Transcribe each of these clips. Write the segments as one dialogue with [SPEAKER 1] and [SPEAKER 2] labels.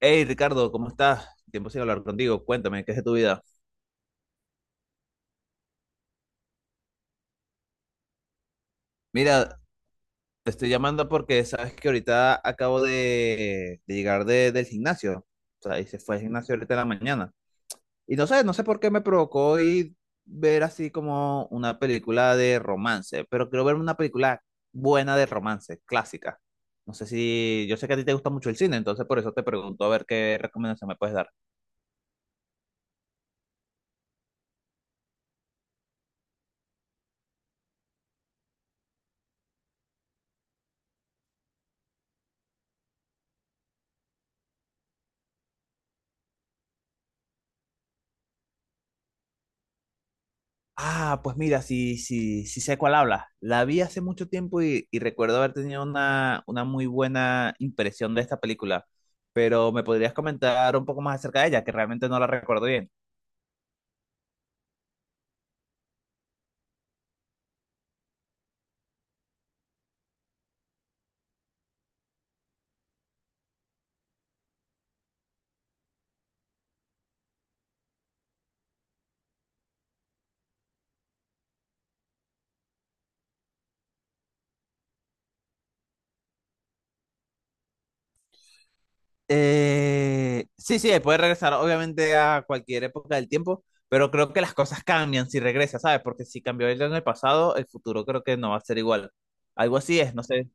[SPEAKER 1] Hey Ricardo, ¿cómo estás? Tiempo sin hablar contigo. Cuéntame, ¿qué es de tu vida? Mira, te estoy llamando porque sabes que ahorita acabo de llegar del gimnasio. O sea, y se fue al gimnasio ahorita en la mañana. Y no sé por qué me provocó ir ver así como una película de romance, pero quiero ver una película buena de romance, clásica. No sé si, yo sé que a ti te gusta mucho el cine, entonces por eso te pregunto a ver qué recomendación me puedes dar. Ah, pues mira, sí, sí, sí sé cuál habla. La vi hace mucho tiempo y recuerdo haber tenido una muy buena impresión de esta película, pero ¿me podrías comentar un poco más acerca de ella, que realmente no la recuerdo bien? Sí, puede regresar obviamente a cualquier época del tiempo, pero creo que las cosas cambian si regresa, ¿sabes? Porque si cambió él en el pasado, el futuro creo que no va a ser igual. Algo así es, no sé.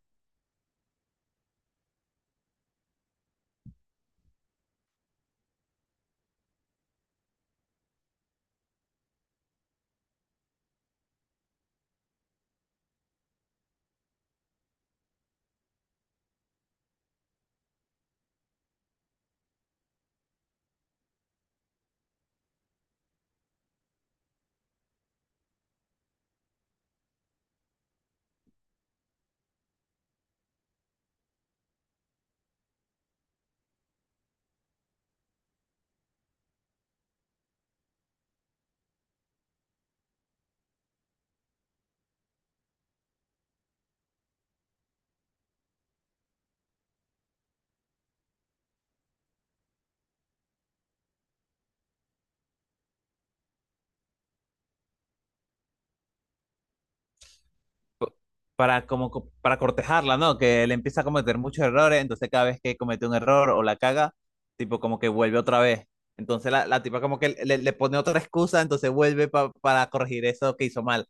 [SPEAKER 1] Para como para cortejarla, ¿no? Que él empieza a cometer muchos errores, entonces cada vez que comete un error o la caga, tipo como que vuelve otra vez. Entonces la tipa como que le pone otra excusa, entonces vuelve para corregir eso que hizo mal.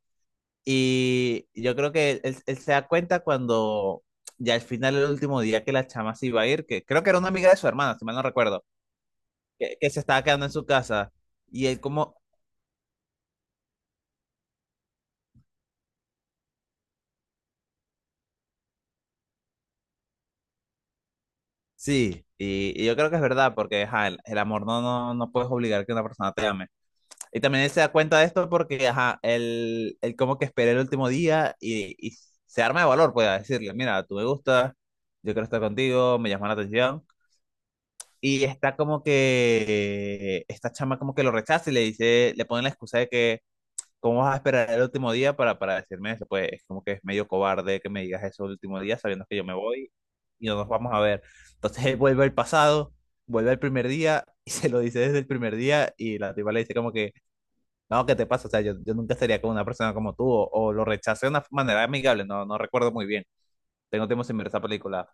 [SPEAKER 1] Y yo creo que él se da cuenta cuando ya al final, el último día que la chama se iba a ir, que creo que era una amiga de su hermana, si mal no recuerdo, que se estaba quedando en su casa. Y él como, sí, y yo creo que es verdad, porque ajá, el amor no puedes obligar que una persona te ame. Y también él se da cuenta de esto porque, ajá, él como que espera el último día y se arma de valor, pues, a decirle, mira, tú me gustas, yo quiero estar contigo, me llama la atención. Y está como que, esta chama como que lo rechaza y le dice, le pone la excusa de que, ¿cómo vas a esperar el último día para decirme eso? Pues es como que es medio cobarde que me digas eso el último día sabiendo que yo me voy y no nos vamos a ver. Entonces él vuelve al pasado, vuelve al primer día y se lo dice desde el primer día y la tipa le dice como que no, ¿qué te pasa? O sea, yo nunca estaría con una persona como tú, o lo rechacé de una manera amigable, no recuerdo muy bien. Tengo tiempo sin ver esa película.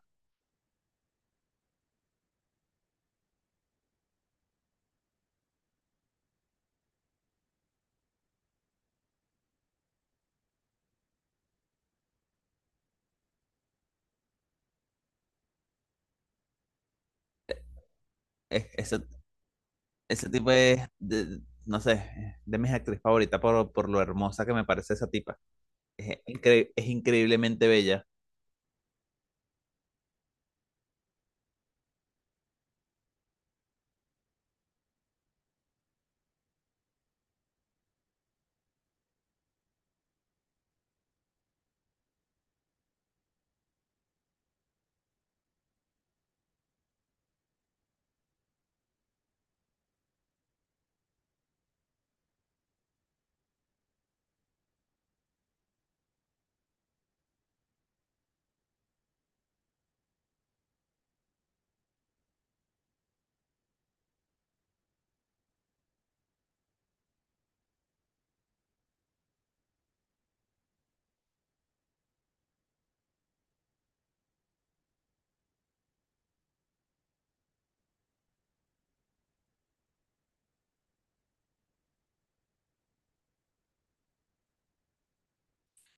[SPEAKER 1] Es- ese, ese tipo es, no sé, de mis actrices favoritas por lo hermosa que me parece esa tipa. Es, es increíblemente bella.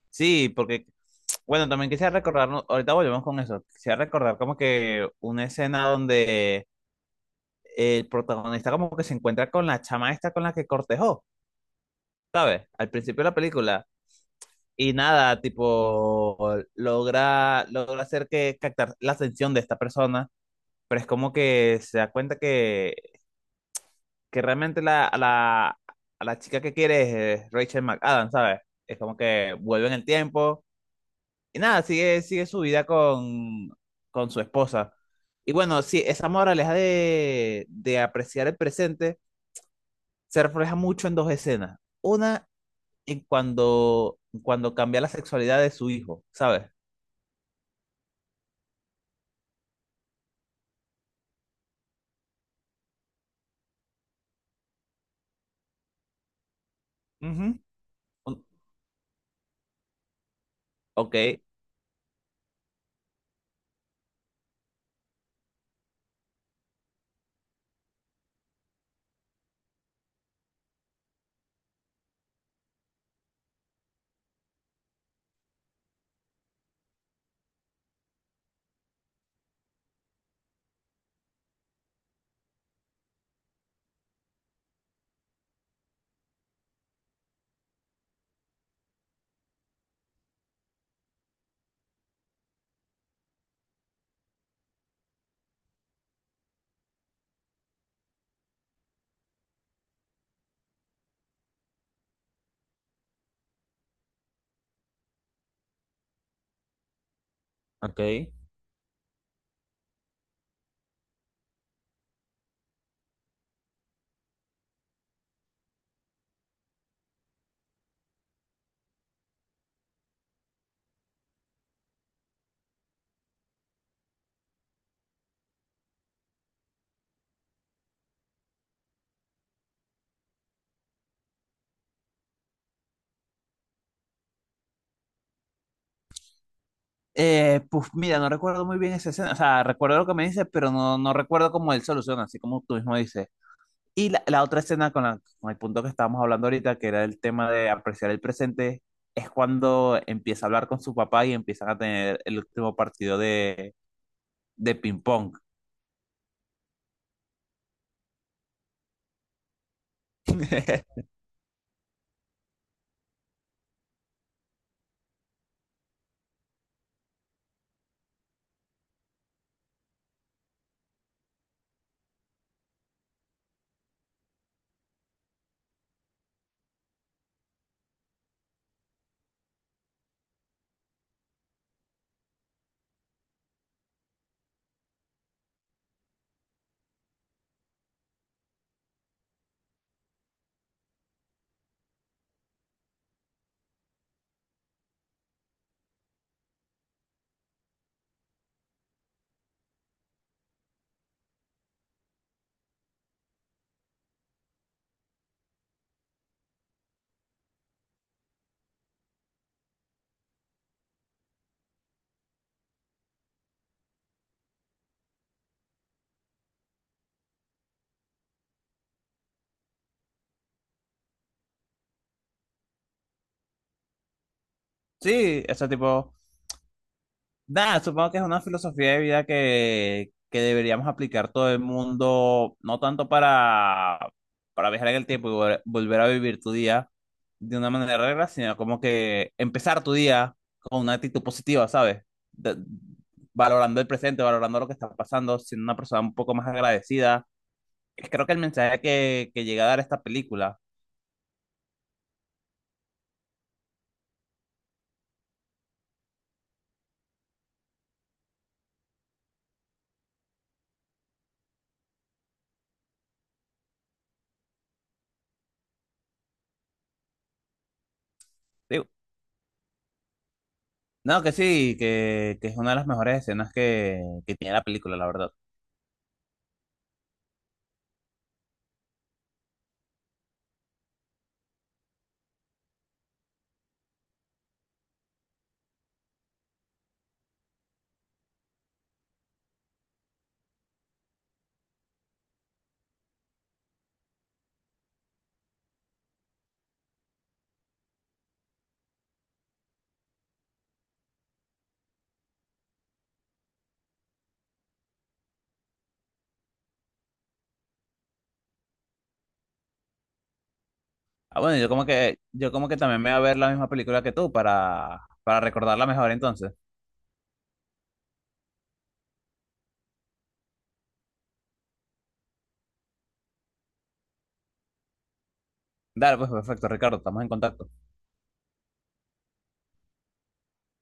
[SPEAKER 1] Sí, porque, bueno, también quisiera recordar, ¿no? Ahorita volvemos con eso, quisiera recordar como que una escena donde el protagonista como que se encuentra con la chama esta con la que cortejó, ¿sabes? Al principio de la película. Y nada, tipo, logra hacer que captar la atención de esta persona, pero es como que se da cuenta que realmente a la chica que quiere es Rachel McAdams, ¿sabes? Es como que vuelve en el tiempo y nada, sigue su vida con su esposa. Y bueno, sí, esa moraleja de apreciar el presente se refleja mucho en dos escenas. Una, en cuando, cuando cambia la sexualidad de su hijo, ¿sabes? Ujú. Ok. Ok. Pues mira, no recuerdo muy bien esa escena. O sea, recuerdo lo que me dices, pero no, no recuerdo cómo él soluciona, así como tú mismo dices. Y la otra escena con, con el punto que estábamos hablando ahorita, que era el tema de apreciar el presente, es cuando empieza a hablar con su papá y empiezan a tener el último partido de ping-pong. Sí, ese tipo. Nada, supongo que es una filosofía de vida que deberíamos aplicar todo el mundo, no tanto para viajar en el tiempo y volver a vivir tu día de una manera regla, sino como que empezar tu día con una actitud positiva, ¿sabes? De- valorando el presente, valorando lo que está pasando, siendo una persona un poco más agradecida. Es creo que el mensaje que llega a dar esta película, digo, no, que sí, que es una de las mejores escenas que tiene la película, la verdad. Ah, bueno, yo como que también me voy a ver la misma película que tú para recordarla mejor entonces. Dale, pues perfecto, Ricardo, estamos en contacto.